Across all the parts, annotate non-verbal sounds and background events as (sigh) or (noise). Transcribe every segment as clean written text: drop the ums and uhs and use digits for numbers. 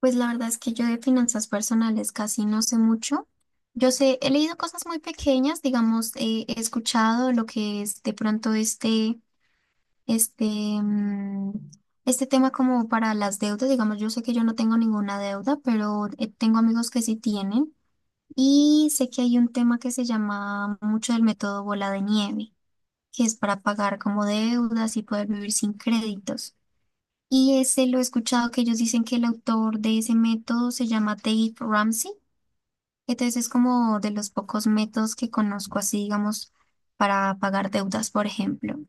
Pues la verdad es que yo de finanzas personales casi no sé mucho. Yo sé, he leído cosas muy pequeñas, digamos, he escuchado lo que es de pronto este, mm, este tema como para las deudas. Digamos, yo sé que yo no tengo ninguna deuda, pero tengo amigos que sí tienen. Y sé que hay un tema que se llama mucho del método bola de nieve, que es para pagar como deudas y poder vivir sin créditos. Y ese lo he escuchado que ellos dicen que el autor de ese método se llama Dave Ramsey. Entonces es como de los pocos métodos que conozco así, digamos, para pagar deudas, por ejemplo.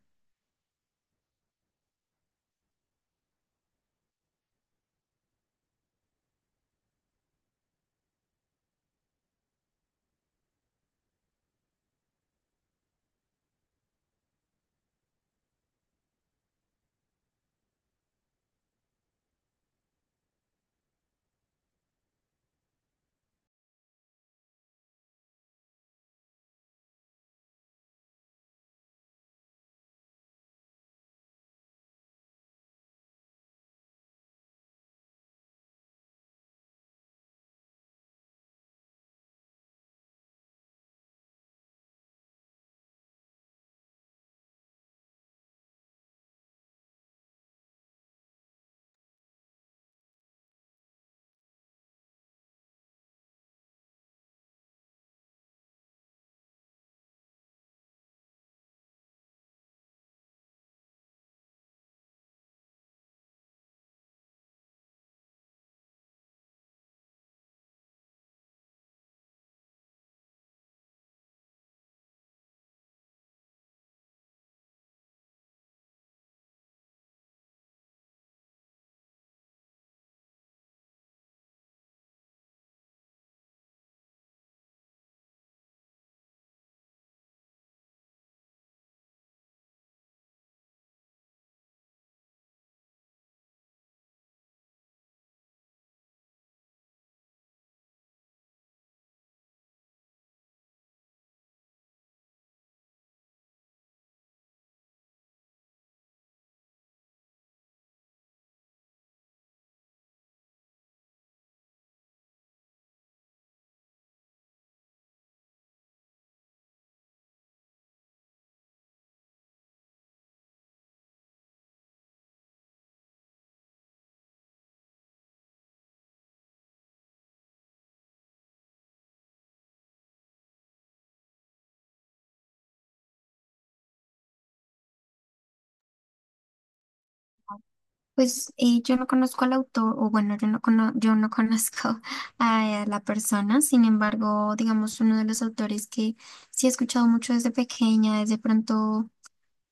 Pues yo no conozco al autor, o bueno, yo no conozco (laughs) a la persona. Sin embargo, digamos, uno de los autores que sí he escuchado mucho desde pequeña es de pronto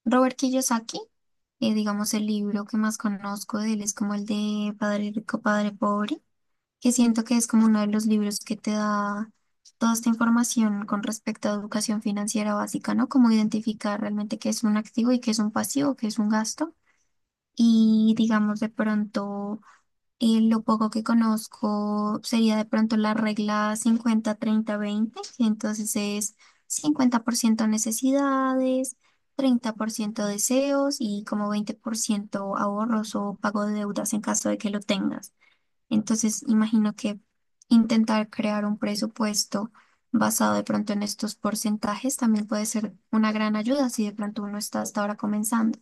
Robert Kiyosaki. Digamos, el libro que más conozco de él es como el de Padre Rico, Padre Pobre, que siento que es como uno de los libros que te da toda esta información con respecto a educación financiera básica, ¿no? Cómo identificar realmente qué es un activo y qué es un pasivo, qué es un gasto. Y digamos de pronto, lo poco que conozco sería de pronto la regla 50 30 20, que entonces es 50% necesidades, 30% deseos y como 20% ahorros o pago de deudas en caso de que lo tengas. Entonces, imagino que intentar crear un presupuesto basado de pronto en estos porcentajes también puede ser una gran ayuda si de pronto uno está hasta ahora comenzando.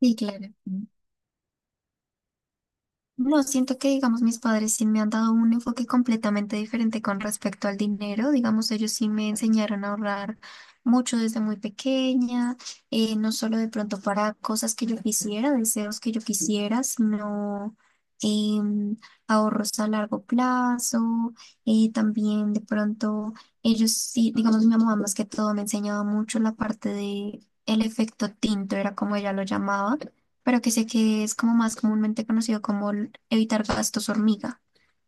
Sí, claro. No, siento que, digamos, mis padres sí me han dado un enfoque completamente diferente con respecto al dinero. Digamos, ellos sí me enseñaron a ahorrar mucho desde muy pequeña, no solo de pronto para cosas que yo quisiera, deseos que yo quisiera, sino em, ahorros a largo plazo. También de pronto ellos sí, digamos, mi mamá más que todo me enseñaba mucho la parte de... El efecto tinto era como ella lo llamaba, pero que sé que es como más comúnmente conocido como el evitar gastos hormiga.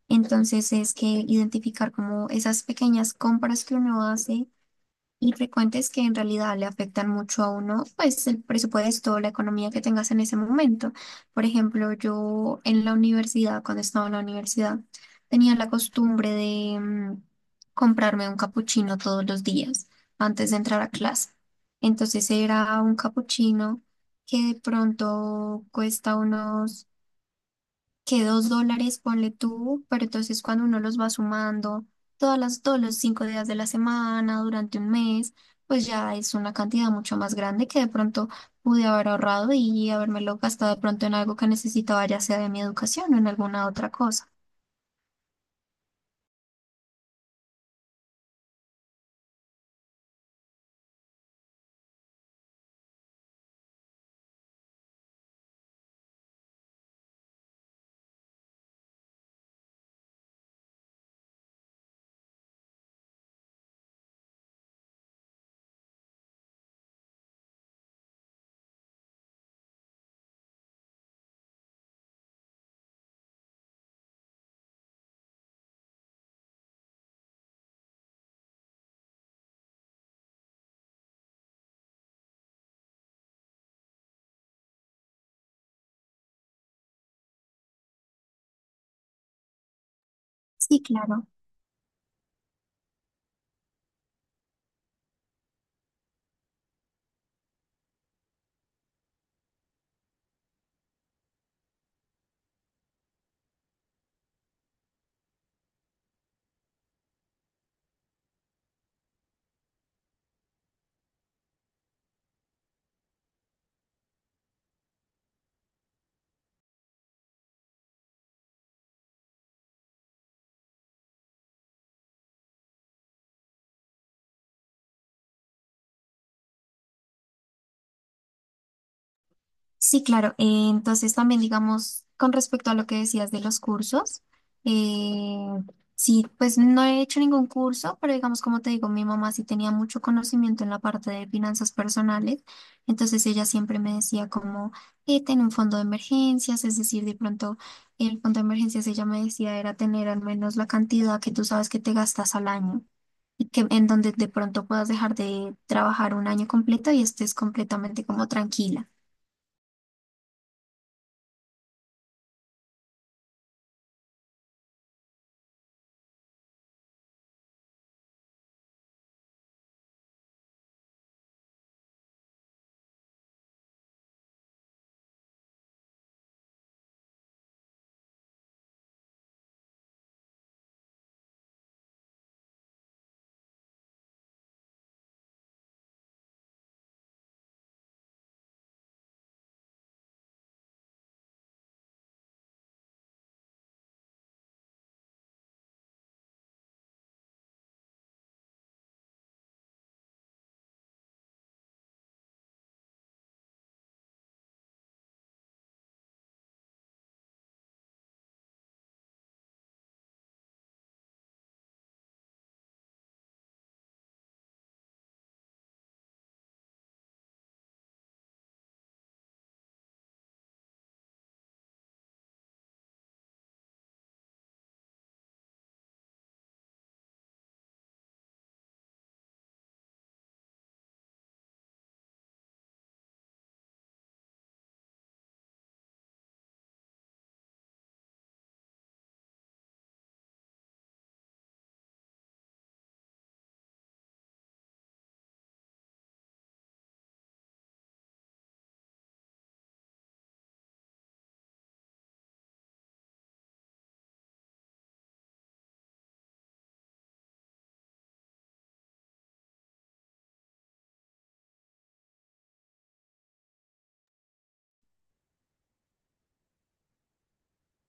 Entonces es que identificar como esas pequeñas compras que uno hace y frecuentes que en realidad le afectan mucho a uno, pues el presupuesto, la economía que tengas en ese momento. Por ejemplo, yo en la universidad, cuando estaba en la universidad, tenía la costumbre de comprarme un capuchino todos los días antes de entrar a clase. Entonces era un capuchino que de pronto cuesta unos que $2, ponle tú, pero entonces cuando uno los va sumando todos los 5 días de la semana, durante un mes, pues ya es una cantidad mucho más grande que de pronto pude haber ahorrado y habérmelo gastado de pronto en algo que necesitaba, ya sea de mi educación o en alguna otra cosa. Sí, claro. Sí, claro. Entonces también, digamos, con respecto a lo que decías de los cursos, eh, sí, pues no he hecho ningún curso, pero digamos, como te digo, mi mamá sí tenía mucho conocimiento en la parte de finanzas personales, entonces ella siempre me decía como, ten un fondo de emergencias, es decir, de pronto el fondo de emergencias, ella me decía, era tener al menos la cantidad que tú sabes que te gastas al año. Y que en donde de pronto puedas dejar de trabajar un año completo y estés completamente como tranquila.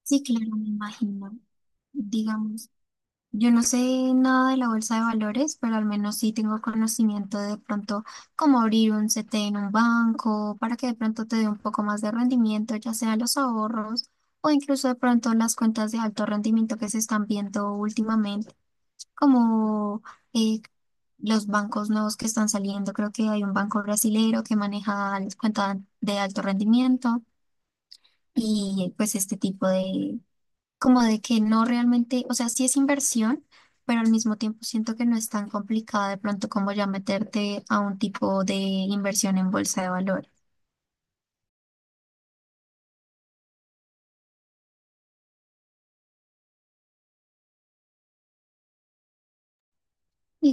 Sí, claro, me imagino. Digamos, yo no sé nada de la bolsa de valores, pero al menos sí tengo conocimiento de pronto cómo abrir un CT en un banco para que de pronto te dé un poco más de rendimiento, ya sea los ahorros o incluso de pronto las cuentas de alto rendimiento que se están viendo últimamente, como eh, los bancos nuevos que están saliendo. Creo que hay un banco brasilero que maneja las cuentas de alto rendimiento y pues este tipo de como de que no realmente, o sea, sí es inversión, pero al mismo tiempo siento que no es tan complicada de pronto como ya meterte a un tipo de inversión en bolsa de valores.